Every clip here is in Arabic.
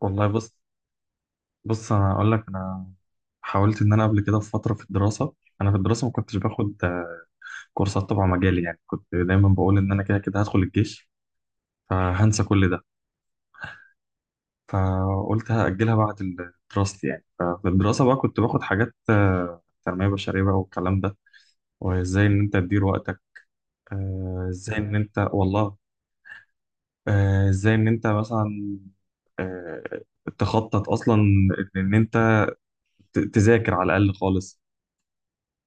والله بص، بص انا اقول لك. انا حاولت ان انا قبل كده في فتره، في الدراسه. انا في الدراسه ما كنتش باخد كورسات تبع مجالي، يعني كنت دايما بقول ان انا كده كده هدخل الجيش، فهنسى كل ده. فقلت هاجلها بعد دراستي. يعني ففي الدراسه بقى كنت باخد حاجات تنميه بشريه بقى والكلام ده. وازاي ان انت تدير وقتك، ازاي ان انت، والله، ازاي ان انت مثلا، آه، تخطط اصلا ان إن انت تذاكر على الاقل خالص.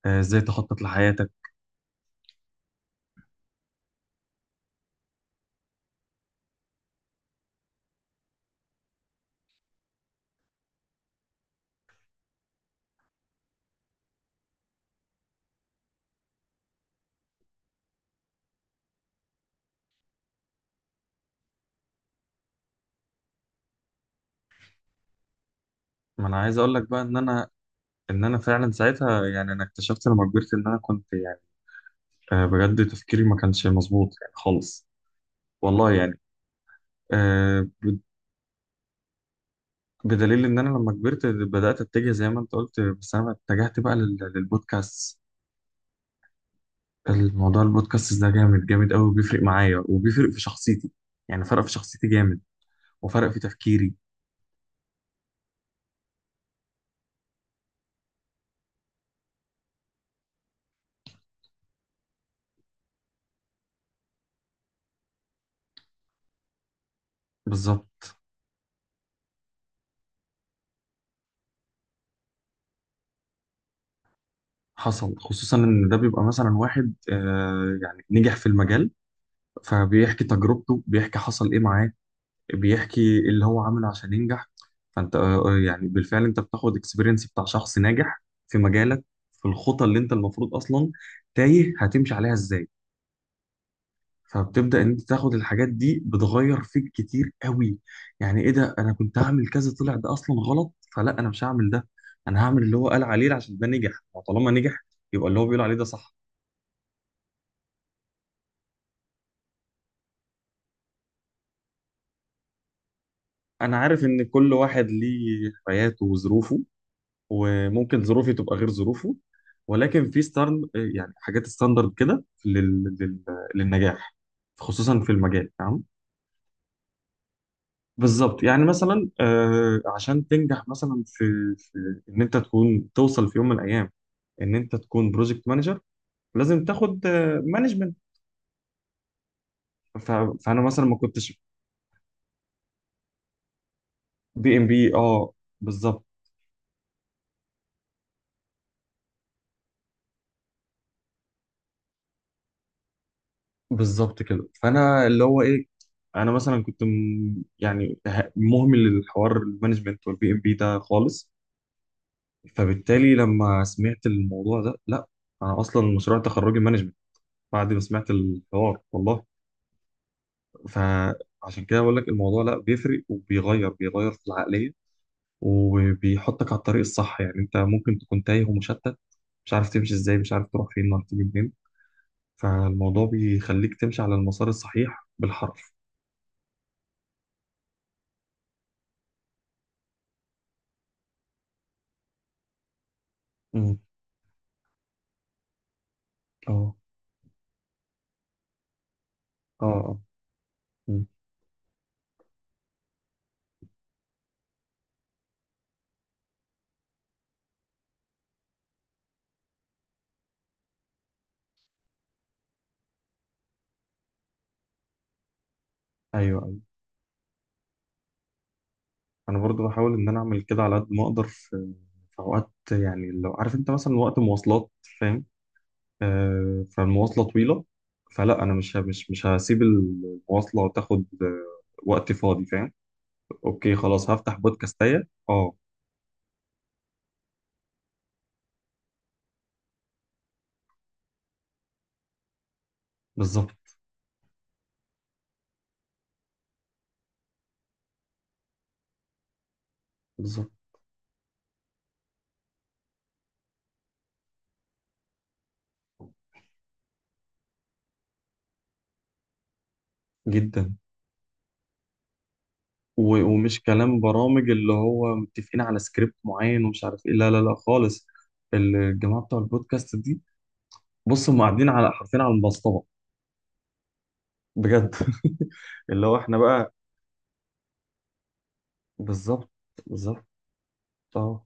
ازاي تخطط لحياتك. ما انا عايز اقول لك بقى ان انا، ان انا فعلا ساعتها، يعني انا اكتشفت لما كبرت ان انا كنت يعني بجد تفكيري ما كانش مظبوط يعني خالص. والله يعني آه، ب- بدليل ان انا لما كبرت بدات اتجه زي ما انت قلت، بس انا اتجهت بقى للبودكاست. الموضوع البودكاست ده جامد جامد قوي، بيفرق معايا وبيفرق في شخصيتي، يعني فرق في شخصيتي جامد وفرق في تفكيري. بالظبط. حصل، خصوصا ان ده بيبقى مثلا واحد يعني نجح في المجال، فبيحكي تجربته، بيحكي حصل ايه معاه، بيحكي اللي هو عمله عشان ينجح. فانت يعني بالفعل انت بتاخد اكسبيرينس بتاع شخص ناجح في مجالك، في الخطى اللي انت المفروض اصلا تايه هتمشي عليها ازاي. فبتبدأ ان انت تاخد الحاجات دي، بتغير فيك كتير قوي. يعني ايه ده، انا كنت هعمل كذا، طلع ده اصلا غلط، فلا انا مش هعمل ده. انا هعمل اللي هو قال عليه عشان ده نجح، وطالما نجح يبقى اللي هو بيقول عليه ده صح. انا عارف ان كل واحد ليه حياته وظروفه، وممكن ظروفي تبقى غير ظروفه، ولكن في ستارن، يعني حاجات ستاندرد كده لل... لل... للنجاح، خصوصا في المجال. تمام، بالظبط. يعني مثلا عشان تنجح مثلا في ان انت تكون توصل في يوم من الايام ان انت تكون بروجكت مانجر، لازم تاخد مانجمنت. فانا مثلا ما كنتش. بي ام بي، اه، بالظبط. بالظبط كده، فانا اللي هو ايه، انا مثلا كنت يعني مهمل للحوار المانجمنت والبي ام بي ده خالص. فبالتالي لما سمعت الموضوع ده، لا، انا اصلا مشروع تخرجي مانجمنت بعد ما سمعت الحوار، والله. فعشان كده بقول لك الموضوع لا، بيفرق وبيغير في العقليه، وبيحطك على الطريق الصح. يعني انت ممكن تكون تايه ومشتت، مش عارف تمشي ازاي، مش عارف تروح فين ولا تيجي منين، فالموضوع بيخليك تمشي على المسار الصحيح بالحرف. امم. اه، اه، اه. مم. ايوه، ايوه. انا برضو بحاول ان انا اعمل كده على قد ما اقدر. في في اوقات يعني لو عارف انت مثلا وقت مواصلات، فاهم، فالمواصلة طويلة، فلا أنا مش ه- مش مش هسيب المواصلة تاخد وقت فاضي، فاهم. أوكي خلاص، هفتح بودكاستاية. أه، بالظبط، بالظبط. جدا. ومش كلام برامج اللي هو متفقين على سكريبت معين ومش عارف إيه، لا لا لا خالص. الجماعة بتوع البودكاست دي، بص، هم قاعدين على حرفين على المسطرة. بجد اللي هو إحنا بقى. بالظبط، بالظبط. أه.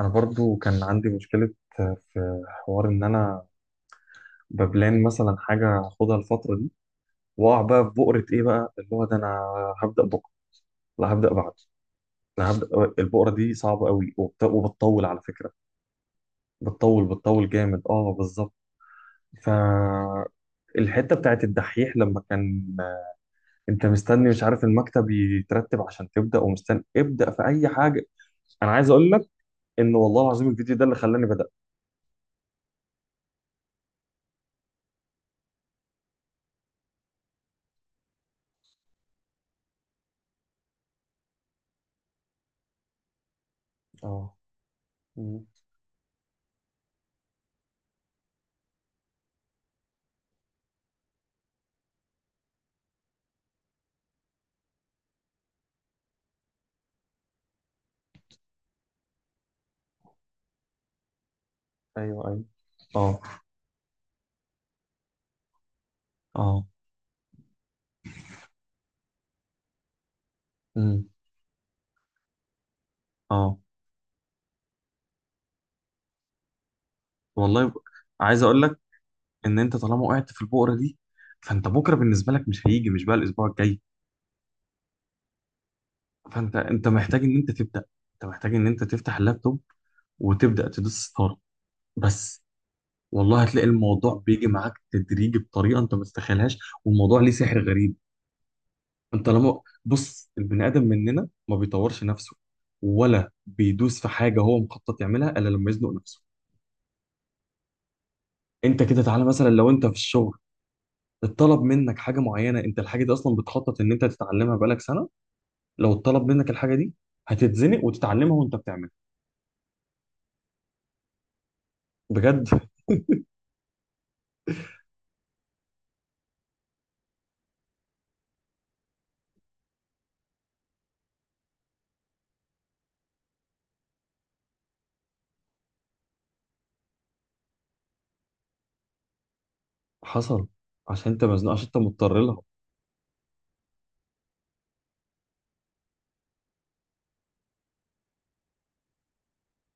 أنا برضو كان عندي مشكلة، في حوار إن أنا ببلان مثلا حاجة هاخدها الفترة دي، وأقع بقى في بؤرة إيه بقى، اللي هو ده أنا هبدأ بكرة، لا هبدأ بعده، لا هبدأ. البؤرة دي صعبة قوي، وبتطول على فكرة. بتطول، بتطول جامد، أه، بالظبط. فالحتة بتاعت الدحيح لما كان أنت مستني مش عارف المكتب يترتب عشان تبدأ، ومستني ابدأ في أي حاجة. أنا عايز أقول لك إن والله العظيم الفيديو ده اللي خلاني بدأت. أه. مم. أيوه، أيوه. أه، أه. مم. أه، والله، ب... عايز أقول لك ان انت طالما وقعت في البؤره دي، فانت بكره بالنسبه لك مش هيجي، مش بقى الاسبوع الجاي. فانت، انت محتاج ان انت تبدا، انت محتاج ان انت تفتح اللابتوب وتبدا تدوس ستارت بس. والله هتلاقي الموضوع بيجي معاك تدريجي بطريقه انت ما تتخيلهاش، والموضوع ليه سحر غريب. انت لما بص، البني ادم مننا ما بيطورش نفسه ولا بيدوس في حاجه هو مخطط يعملها الا لما يزنق نفسه. انت كده تعالى مثلا، لو انت في الشغل اتطلب منك حاجه معينه، انت الحاجه دي اصلا بتخطط ان انت تتعلمها بقالك سنه، لو اتطلب منك الحاجه دي هتتزنق وتتعلمها وانت بتعملها. بجد. حصل. عشان انت مزنوق، عشان انت مضطر لها.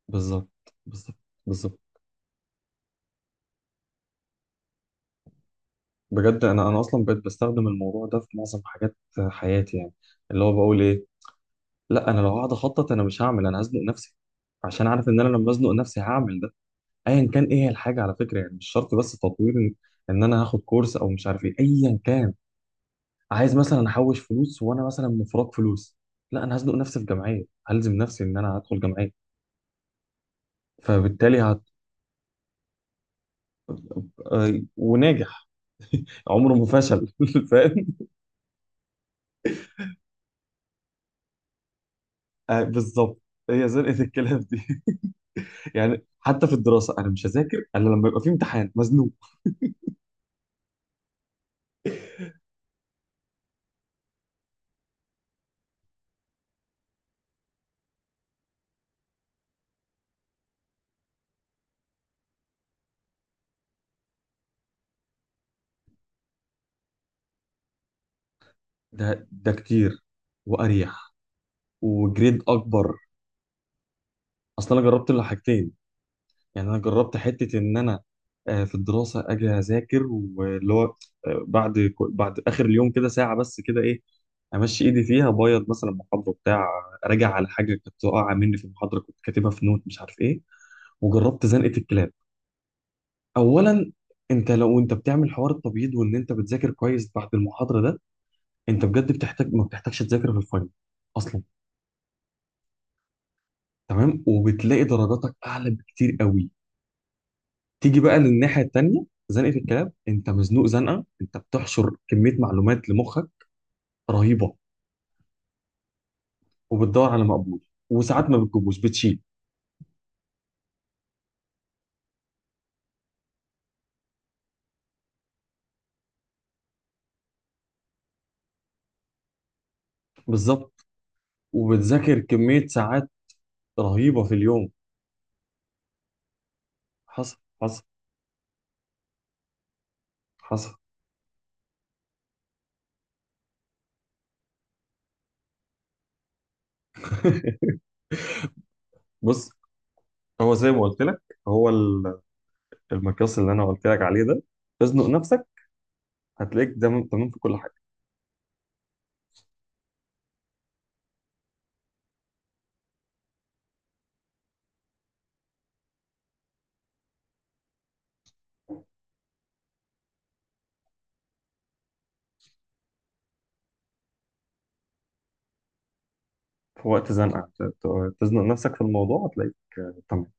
بالظبط، بالظبط، بالظبط. بجد، انا انا اصلا بقيت بستخدم الموضوع ده في معظم حاجات حياتي، يعني اللي هو بقول ايه، لا انا لو هقعد اخطط انا مش هعمل، انا هزنق نفسي، عشان عارف ان انا لما ازنق نفسي هعمل ده، ايا كان ايه هي الحاجه، على فكره. يعني مش شرط بس تطوير، ان إن انا هاخد كورس او مش عارف ايه، ايا كان. عايز مثلا احوش فلوس وانا مثلا مفرط فلوس، لا انا هزنق نفسي في جمعيه، هلزم نفسي ان انا هدخل جمعيه. فبالتالي هت... وناجح، عمره ما فشل فاهم. بالظبط، هي زنقه الكلام دي يعني حتى في الدراسه انا مش هذاكر الا لما يبقى في امتحان مزنوق. ده ده كتير واريح وجريد اكبر. اصل انا جربت الحاجتين. يعني انا جربت حته ان انا في الدراسه اجي اذاكر واللي هو بعد بعد اخر اليوم كده ساعه بس كده ايه، امشي ايدي فيها ابيض مثلا محاضره بتاع، راجع على حاجه كانت واقعه مني في المحاضره كنت كاتبها في نوت مش عارف ايه. وجربت زنقه الكلاب. اولا، انت لو انت بتعمل حوار التبييض وان انت بتذاكر كويس بعد المحاضره ده، انت بجد بتحتاج، ما بتحتاجش تذاكر في الفاينل اصلا. تمام. وبتلاقي درجاتك اعلى بكتير قوي. تيجي بقى للناحية التانية، زنقة الكلاب، انت مزنوق زنقة، انت بتحشر كمية معلومات لمخك رهيبة، وبتدور على مقبول، وساعات ما بتجيبوش بتشيل. بالظبط. وبتذاكر كمية ساعات رهيبة في اليوم. حصل، حصل، حصل بص، هو زي ما قلت لك، هو المقياس اللي انا قلت لك عليه ده، تزنق نفسك، هتلاقيك تمام، تمام في كل حاجة. في وقت زنقة، تزنق نفسك في الموضوع هتلاقيك تمام.